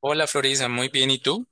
Hola Florisa, muy bien. ¿Y tú?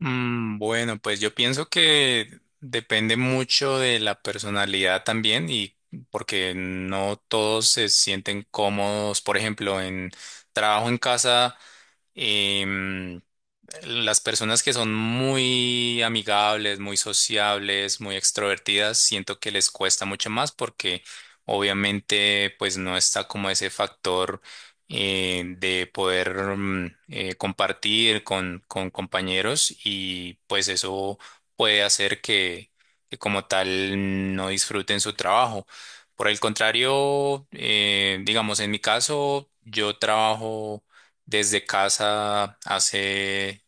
Bueno, pues yo pienso que depende mucho de la personalidad también y porque no todos se sienten cómodos, por ejemplo, en trabajo en casa. em, Las personas que son muy amigables, muy sociables, muy extrovertidas, siento que les cuesta mucho más porque obviamente pues no está como ese factor de poder compartir con compañeros y pues eso puede hacer que como tal no disfruten su trabajo. Por el contrario, digamos en mi caso, yo trabajo desde casa hace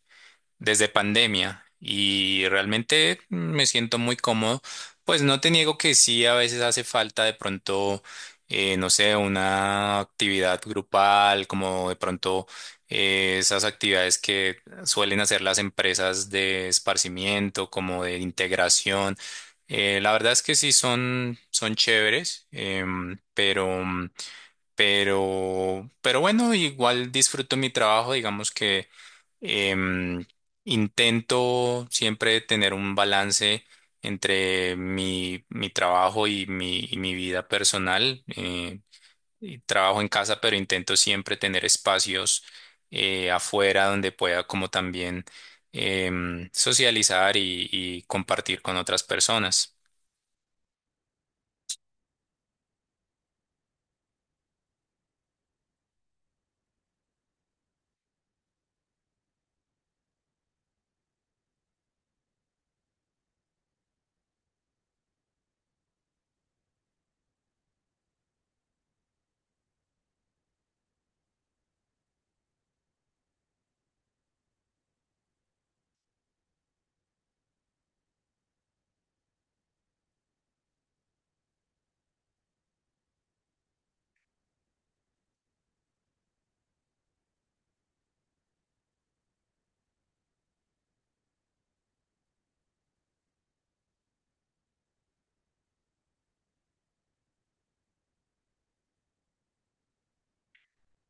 desde pandemia y realmente me siento muy cómodo. Pues no te niego que sí, a veces hace falta de pronto, no sé, una actividad grupal, como de pronto esas actividades que suelen hacer las empresas de esparcimiento, como de integración. La verdad es que sí son chéveres, pero bueno, igual disfruto mi trabajo, digamos que Em, intento siempre tener un balance entre mi trabajo y mi vida personal. Y trabajo en casa, pero intento siempre tener espacios afuera donde pueda como también socializar y compartir con otras personas.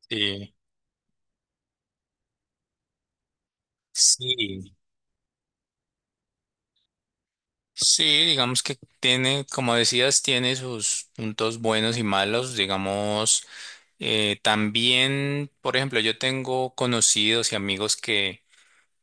Sí, sí, sí, digamos que tiene, como decías, tiene sus puntos buenos y malos, digamos. También, por ejemplo, yo tengo conocidos y amigos que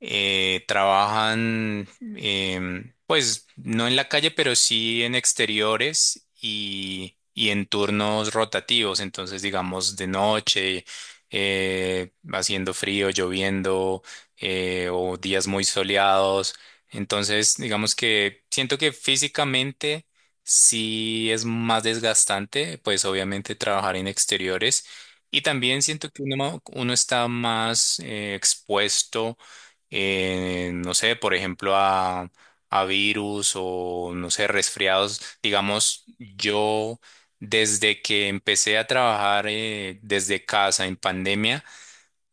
trabajan, pues no en la calle, pero sí en exteriores y en turnos rotativos. Entonces, digamos, de noche, haciendo frío, lloviendo, o días muy soleados. Entonces, digamos que siento que físicamente sí es más desgastante, pues obviamente trabajar en exteriores. Y también siento que uno está más expuesto no sé, por ejemplo, a virus o, no sé, resfriados. Digamos, yo desde que empecé a trabajar desde casa en pandemia,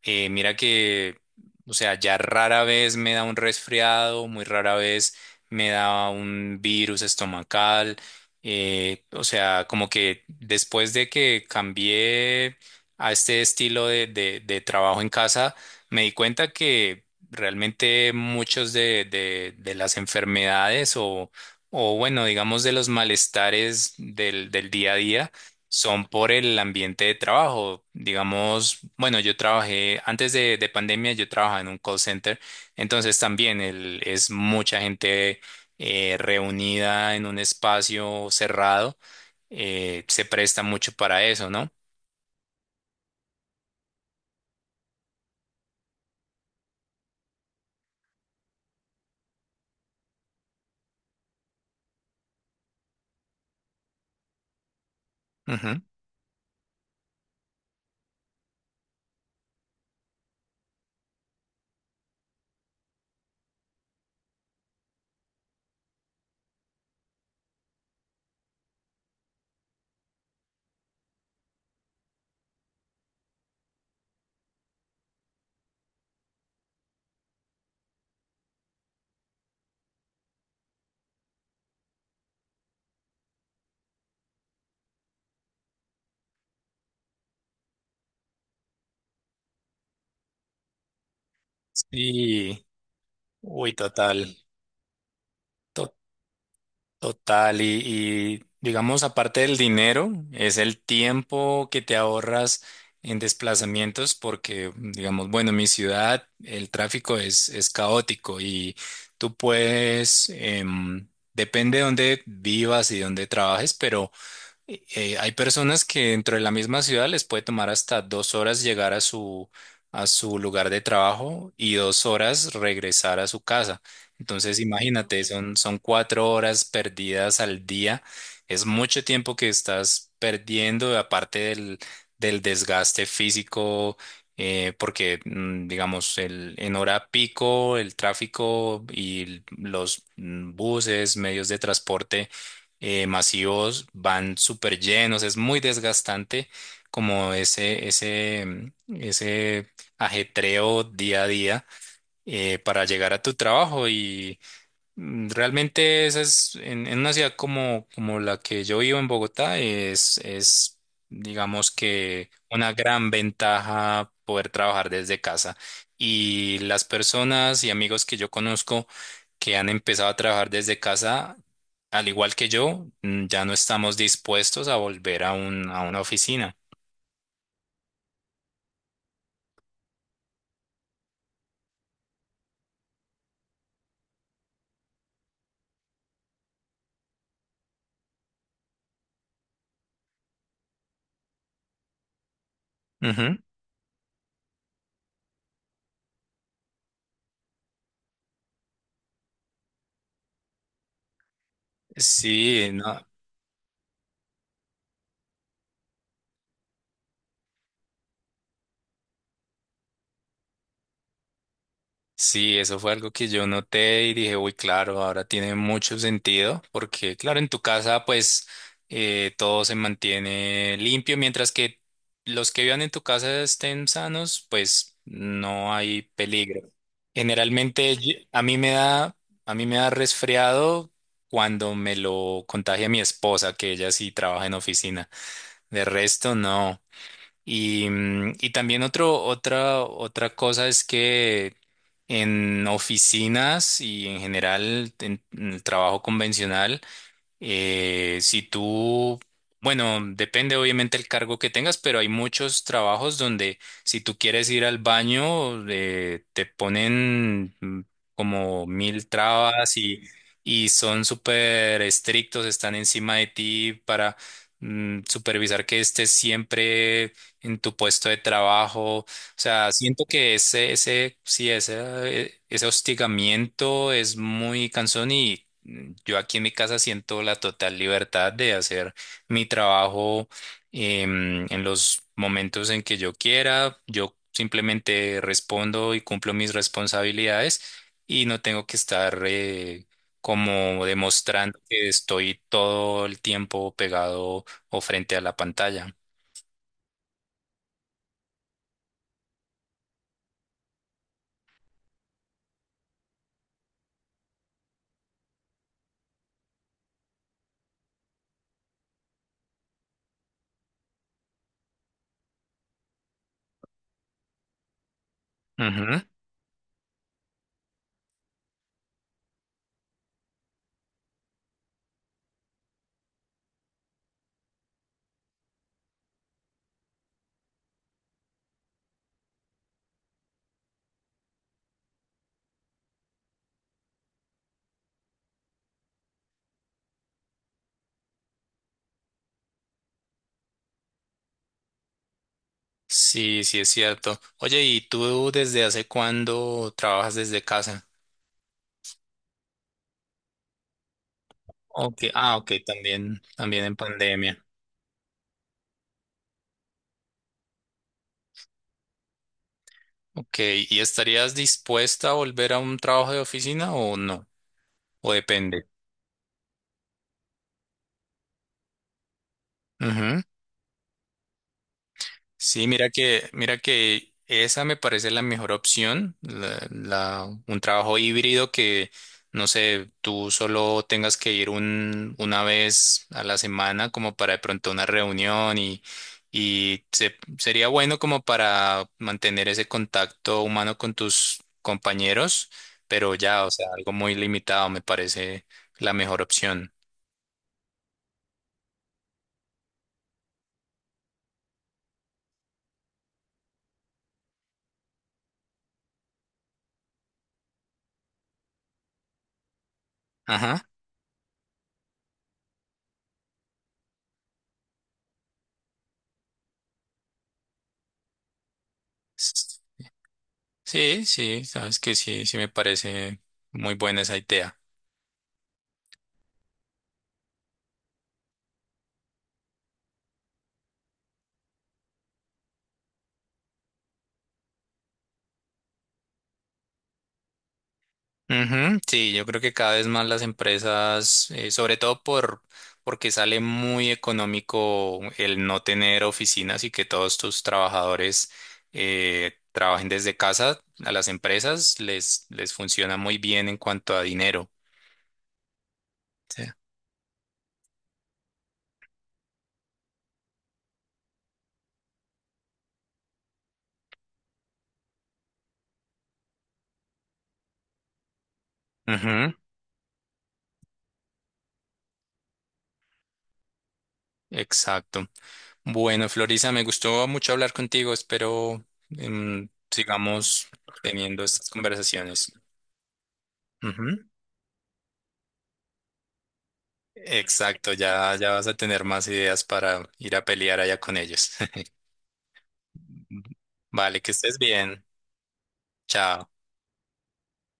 mira que, o sea, ya rara vez me da un resfriado, muy rara vez me da un virus estomacal. O sea, como que después de que cambié a este estilo de trabajo en casa, me di cuenta que realmente muchos de las enfermedades o bueno, digamos de los malestares del día a día, son por el ambiente de trabajo. Digamos, bueno, yo trabajé antes de pandemia, yo trabajaba en un call center, entonces también es mucha gente reunida en un espacio cerrado, se presta mucho para eso, ¿no? Ujú. Sí, uy, total. Total, y, digamos, aparte del dinero, es el tiempo que te ahorras en desplazamientos porque, digamos, bueno, en mi ciudad el tráfico es caótico y tú puedes, depende de dónde vivas y dónde trabajes, pero hay personas que dentro de la misma ciudad les puede tomar hasta dos horas llegar a su lugar de trabajo y dos horas regresar a su casa. Entonces, imagínate, son cuatro horas perdidas al día. Es mucho tiempo que estás perdiendo, aparte del desgaste físico, porque, digamos, en hora pico, el tráfico y los buses, medios de transporte masivos van súper llenos, es muy desgastante como ese ajetreo día a día para llegar a tu trabajo y realmente esa es, en una ciudad como la que yo vivo en Bogotá, es, digamos que una gran ventaja poder trabajar desde casa. Y las personas y amigos que yo conozco que han empezado a trabajar desde casa, al igual que yo, ya no estamos dispuestos a volver a a una oficina. Ujú. Sí, no. Sí, eso fue algo que yo noté y dije, uy, claro, ahora tiene mucho sentido, porque claro, en tu casa pues todo se mantiene limpio, mientras que los que vivan en tu casa estén sanos, pues no hay peligro. Generalmente a mí me da resfriado cuando me lo contagia mi esposa, que ella sí trabaja en oficina. De resto, no. Y, y también otra cosa es que en oficinas y en general en el trabajo convencional, si tú, bueno, depende obviamente el cargo que tengas, pero hay muchos trabajos donde si tú quieres ir al baño, te ponen como mil trabas y son súper estrictos, están encima de ti para supervisar que estés siempre en tu puesto de trabajo. O sea, siento que sí, ese hostigamiento es muy cansón y yo aquí en mi casa siento la total libertad de hacer mi trabajo en los momentos en que yo quiera. Yo simplemente respondo y cumplo mis responsabilidades y no tengo que estar como demostrando que estoy todo el tiempo pegado o frente a la pantalla. Sí, sí es cierto. Oye, ¿y tú desde hace cuándo trabajas desde casa? Okay, ah, ok, también en pandemia. Ok, ¿y estarías dispuesta a volver a un trabajo de oficina o no? O depende. Ujú. Sí, mira que esa me parece la mejor opción, un trabajo híbrido que, no sé, tú solo tengas que ir una vez a la semana como para de pronto una reunión y sería bueno como para mantener ese contacto humano con tus compañeros, pero ya, o sea, algo muy limitado me parece la mejor opción. Ajá. Sí, sí, sabes que sí, sí me parece muy buena esa idea. Ujú. Sí, yo creo que cada vez más las empresas, sobre todo porque sale muy económico el no tener oficinas y que todos tus trabajadores trabajen desde casa, a las empresas les funciona muy bien en cuanto a dinero. Sí. Ujú. Exacto. Bueno, Florisa, me gustó mucho hablar contigo. Espero sigamos teniendo estas conversaciones. Ujú. Exacto, ya vas a tener más ideas para ir a pelear allá con ellos. Vale, que estés bien. Chao.